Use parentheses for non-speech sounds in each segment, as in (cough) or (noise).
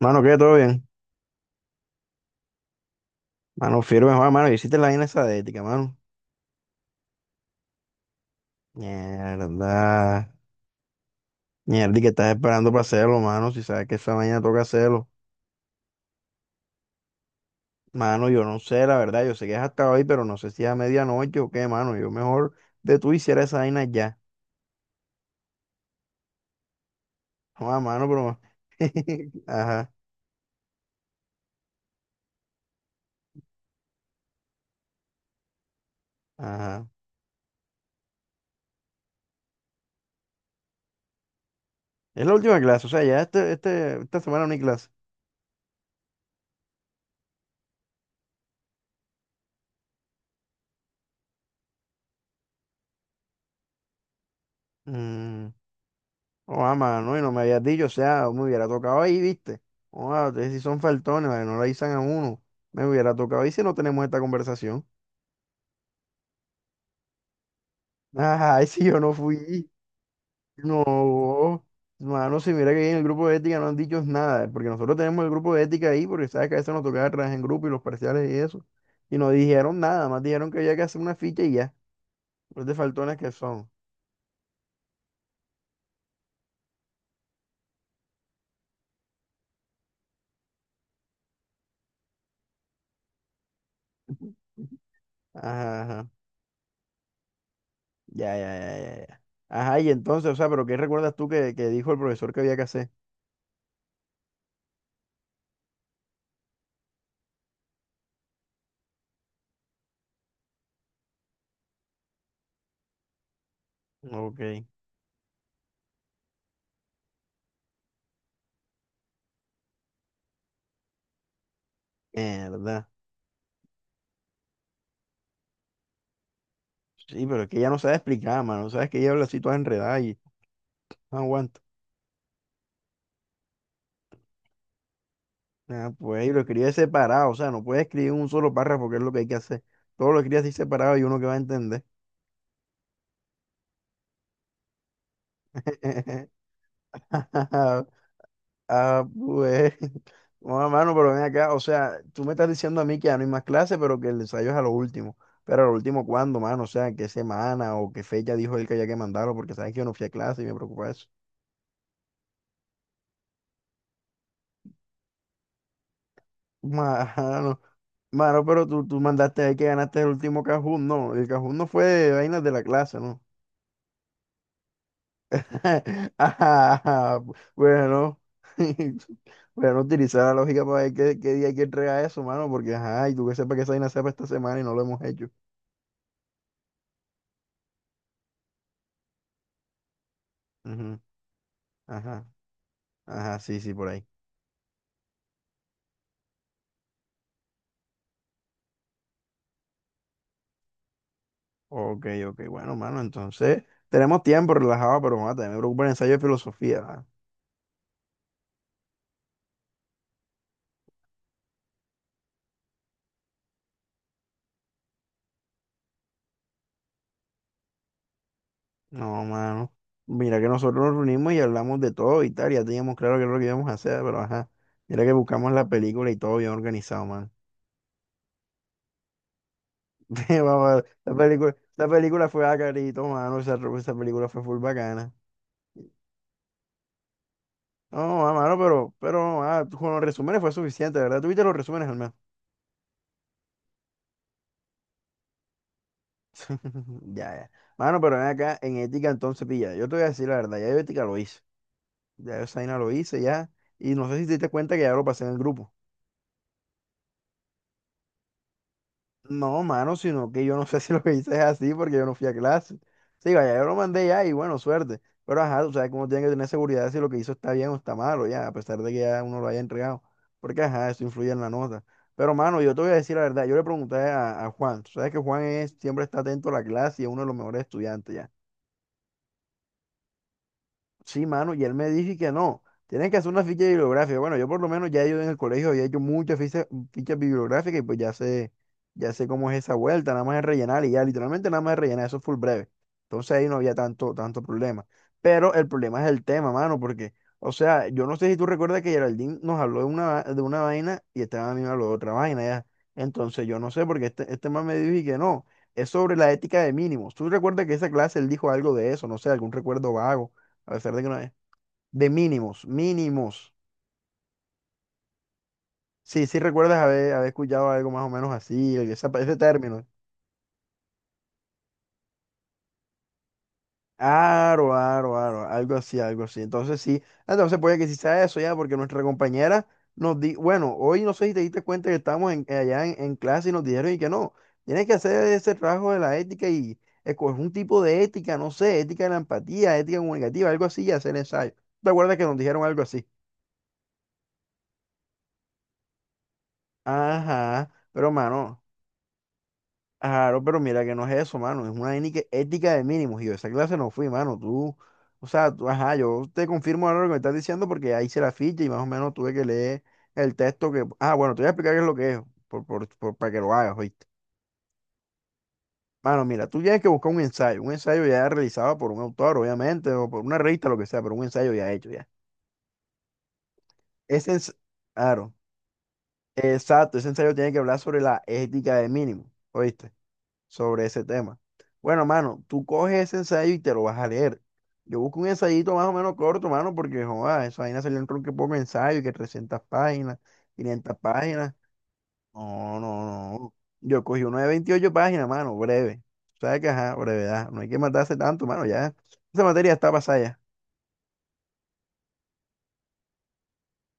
Mano, ¿qué? ¿Todo bien? Mano, firme, Juan, mano. Hiciste la vaina esa de ética, mano. Mierda. Mierda, ¿y que estás esperando para hacerlo, mano? Si sabes que esa mañana toca hacerlo. Mano, yo no sé, la verdad. Yo sé que es hasta hoy, pero no sé si es a medianoche o qué, mano. Yo mejor de tú hiciera esa vaina ya. Juan, mano, pero... (laughs) Ajá, ajá. Es la última clase, o sea, ya esta semana no hay clase. Mm. Oh, ah, mano, y no me habías dicho, o sea, me hubiera tocado ahí, ¿viste? Oh, ah, ustedes sí son faltones, vale, no la avisan a uno. Me hubiera tocado ahí si no tenemos esta conversación. (laughs) Ajá, y si yo no fui. No, mano, si mira que ahí en el grupo de ética no han dicho nada, porque nosotros tenemos el grupo de ética ahí, porque sabes que a veces nos tocaba trabajar en grupo y los parciales y eso. Y no dijeron nada, más dijeron que había que hacer una ficha y ya. Los de faltones que son. Ajá, ajá. Ya, ya, ya, ya, ya. Ajá, y entonces, o sea, pero ¿qué recuerdas tú que dijo el profesor que había que hacer? Ok. Mierda. Sí, pero es que ella no sabe explicar, mano. Sabes que ella habla así toda enredada y no aguanta. Ah, pues, y lo escribe separado. O sea, no puede escribir un solo párrafo, que es lo que hay que hacer. Todo lo escribe así separado y uno que va a entender. (laughs) Ah, pues. Bueno, mano, pero ven acá. O sea, tú me estás diciendo a mí que ya no hay más clases, pero que el ensayo es a lo último. Pero a lo último, ¿cuándo, mano? O sea, ¿en ¿qué semana o qué fecha dijo él que había que mandarlo? Porque sabes que yo no fui a clase y me preocupa eso. (laughs) Mano. Mano, pero tú mandaste ahí que ganaste el último cajón, no. El cajón no fue de vainas de la clase, ¿no? (laughs) Ajá, bueno, (laughs) bueno, utilizar la lógica para ver qué, qué día hay que entregar eso, mano, porque ajá, y tú que sepas que esa vaina sea para esta semana y no lo hemos hecho. Ujú, ajá, ajá, sí, sí, por ahí. Ok, ok, bueno, mano, entonces tenemos tiempo relajado, pero mano, también me preocupa el ensayo de filosofía, ¿va? No, mano. Mira que nosotros nos reunimos y hablamos de todo y tal, ya teníamos claro qué es lo que íbamos a hacer, pero ajá. Mira que buscamos la película y todo bien organizado, mano. (laughs) Mamá, La película fue acarito, mano. Esa película fue full bacana. No, mano, pero, ah, con los resúmenes fue suficiente, ¿verdad? Tuviste los resúmenes al menos. (laughs) Ya, ya. Mano, pero ven acá, en ética entonces pilla. Yo te voy a decir la verdad, ya yo ética lo hice. Ya yo esa vaina lo hice ya. Y no sé si te diste cuenta que ya lo pasé en el grupo. No, mano, sino que yo no (laughs) sé si lo que hice es así porque yo no fui a clase. Sí, vaya, yo lo mandé ya y bueno, suerte. Pero ajá, tú sabes cómo tiene que tener seguridad de si lo que hizo está bien o está malo, ya, a pesar de que ya uno lo haya entregado. Porque ajá, eso influye en la nota. Pero mano, yo te voy a decir la verdad, yo le pregunté a Juan, tú sabes que Juan es, siempre está atento a la clase y es uno de los mejores estudiantes ya. Sí, mano, y él me dijo que no, tienen que hacer una ficha bibliográfica. Bueno, yo por lo menos ya yo en el colegio había hecho muchas fichas, fichas bibliográficas y pues ya sé cómo es esa vuelta, nada más es rellenar y ya, literalmente nada más es rellenar, eso fue breve. Entonces ahí no había tanto problema. Pero el problema es el tema, mano, porque, o sea, yo no sé si tú recuerdas que Geraldine nos habló de una vaina y estaba a mí me habló de otra vaina ya. Entonces yo no sé, porque este man me dijo y que no, es sobre la ética de mínimos. ¿Tú recuerdas que esa clase él dijo algo de eso? No sé, algún recuerdo vago. A pesar de que no es. De mínimos, mínimos. Sí, sí recuerdas haber escuchado algo más o menos así, esa- ese término. Aro, aro, aro, algo así, algo así. Entonces sí, entonces puede que sí sea eso ya, porque nuestra compañera nos di, bueno, hoy no sé si te diste cuenta que estábamos allá en clase y nos dijeron y que no, tienes que hacer ese trabajo de la ética y escoger un tipo de ética, no sé, ética de la empatía, ética comunicativa, algo así y hacer ensayo. ¿Te acuerdas que nos dijeron algo así? Ajá, pero mano. Claro, pero mira que no es eso, mano. Es una ética de mínimos. Y yo a esa clase no fui, mano. Tú, o sea, ajá, yo te confirmo ahora lo que me estás diciendo porque ahí hice la ficha y más o menos tuve que leer el texto que. Ah, bueno, te voy a explicar qué es lo que es para que lo hagas, ¿oíste? Mano, mira, tú tienes que buscar un ensayo. Un ensayo ya realizado por un autor, obviamente, o por una revista, lo que sea, pero un ensayo ya hecho, ya. Ese ens- claro, exacto, ese ensayo tiene que hablar sobre la ética de mínimos, ¿oíste? Sobre ese tema. Bueno, mano, tú coges ese ensayo y te lo vas a leer. Yo busco un ensayito más o menos corto, mano, porque joda, esa vaina salió en tronco y poco ensayo, que 300 páginas, 500 páginas. No, no, no. Yo cogí uno de 28 páginas, mano, breve. O sea que, ajá, brevedad. No hay que matarse tanto, mano, ya. Esa materia está pasada ya.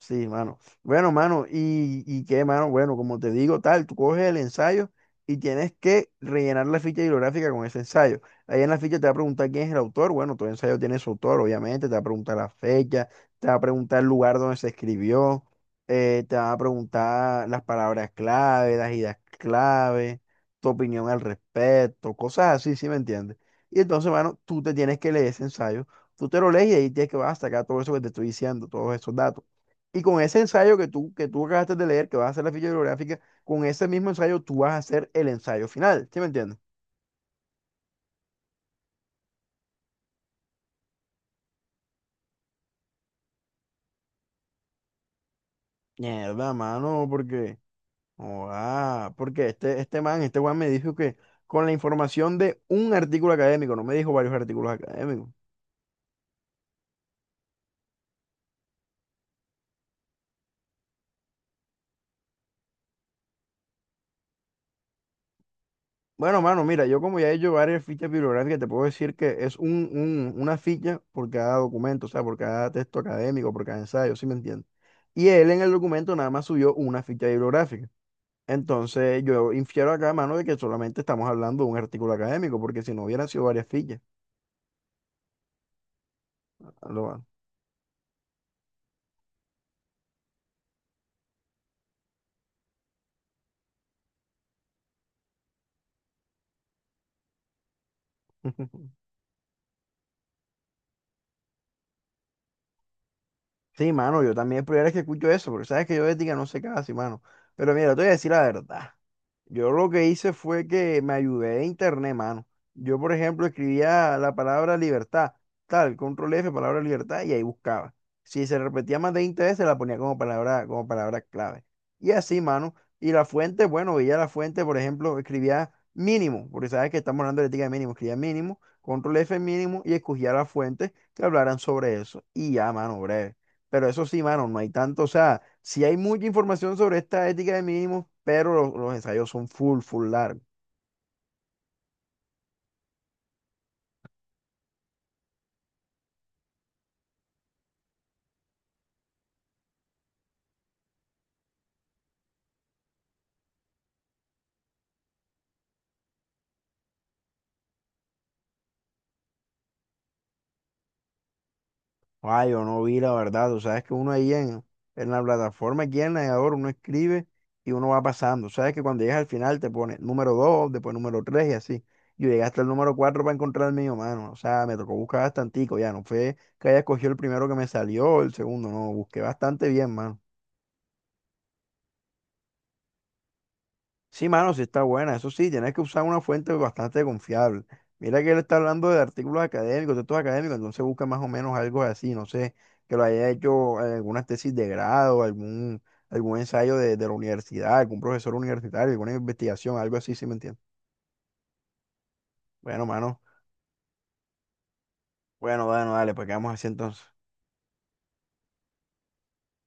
Sí, mano. Bueno, mano, y qué, mano, bueno, como te digo, tal, tú coges el ensayo y tienes que rellenar la ficha bibliográfica con ese ensayo. Ahí en la ficha te va a preguntar quién es el autor. Bueno, todo ensayo tiene su autor, obviamente, te va a preguntar la fecha, te va a preguntar el lugar donde se escribió, te va a preguntar las palabras clave, las ideas clave, tu opinión al respecto, cosas así, ¿sí me entiendes? Y entonces, mano, tú te tienes que leer ese ensayo, tú te lo lees y ahí tienes que vas a sacar todo eso que te estoy diciendo, todos esos datos. Y con ese ensayo que tú acabaste de leer, que vas a hacer la ficha bibliográfica, con ese mismo ensayo tú vas a hacer el ensayo final. ¿Sí me entiendes? Mierda, mano, porque. Ah, porque este man, este Juan me dijo que con la información de un artículo académico, no me dijo varios artículos académicos. Bueno, mano, mira, yo como ya he hecho varias fichas bibliográficas, te puedo decir que es una ficha por cada documento, o sea, por cada texto académico, por cada ensayo, ¿sí me entiendes? Y él en el documento nada más subió una ficha bibliográfica. Entonces yo infiero acá, mano, de que solamente estamos hablando de un artículo académico, porque si no hubieran sido varias fichas. ¿Lo (laughs) mano. Sí, mano, yo también es primera vez que escucho eso, porque sabes que yo de ética no sé casi, mano. Pero mira, te voy a decir la verdad. Yo lo que hice fue que me ayudé de internet, mano. Yo, por ejemplo, escribía la palabra libertad, tal, control F, palabra libertad, y ahí buscaba. Si se repetía más de 20 veces, la ponía como palabra clave. Y así, mano. Y la fuente, bueno, veía la fuente, por ejemplo, escribía mínimo, porque sabes que estamos hablando de ética de mínimo, escribía mínimo, control F mínimo, y escogía las fuentes que hablaran sobre eso. Y ya, mano, breve. Pero eso sí, mano, no hay tanto, o sea, si hay mucha información sobre esta ética de mínimos pero los, ensayos son full, full largos. Ay, yo no vi la verdad, tú sabes que uno ahí en la plataforma, aquí en el navegador, uno escribe y uno va pasando. Sabes que cuando llegas al final te pone número 2 después número 3 y así. Yo llegué hasta el número 4 para encontrar el mío, mano. O sea, me tocó buscar bastantico, ya no fue que haya escogido el primero que me salió, el segundo, no, busqué bastante bien, mano. Sí, mano, sí está buena. Eso sí, tienes que usar una fuente bastante confiable. Mira que él está hablando de artículos académicos, textos académicos, entonces busca más o menos algo así, no sé, que lo haya hecho en alguna tesis de grado, algún, algún ensayo de la universidad, algún profesor universitario, alguna investigación, algo así, ¿sí me entiendes? Bueno, mano, bueno, bueno, dale, pues quedamos así entonces.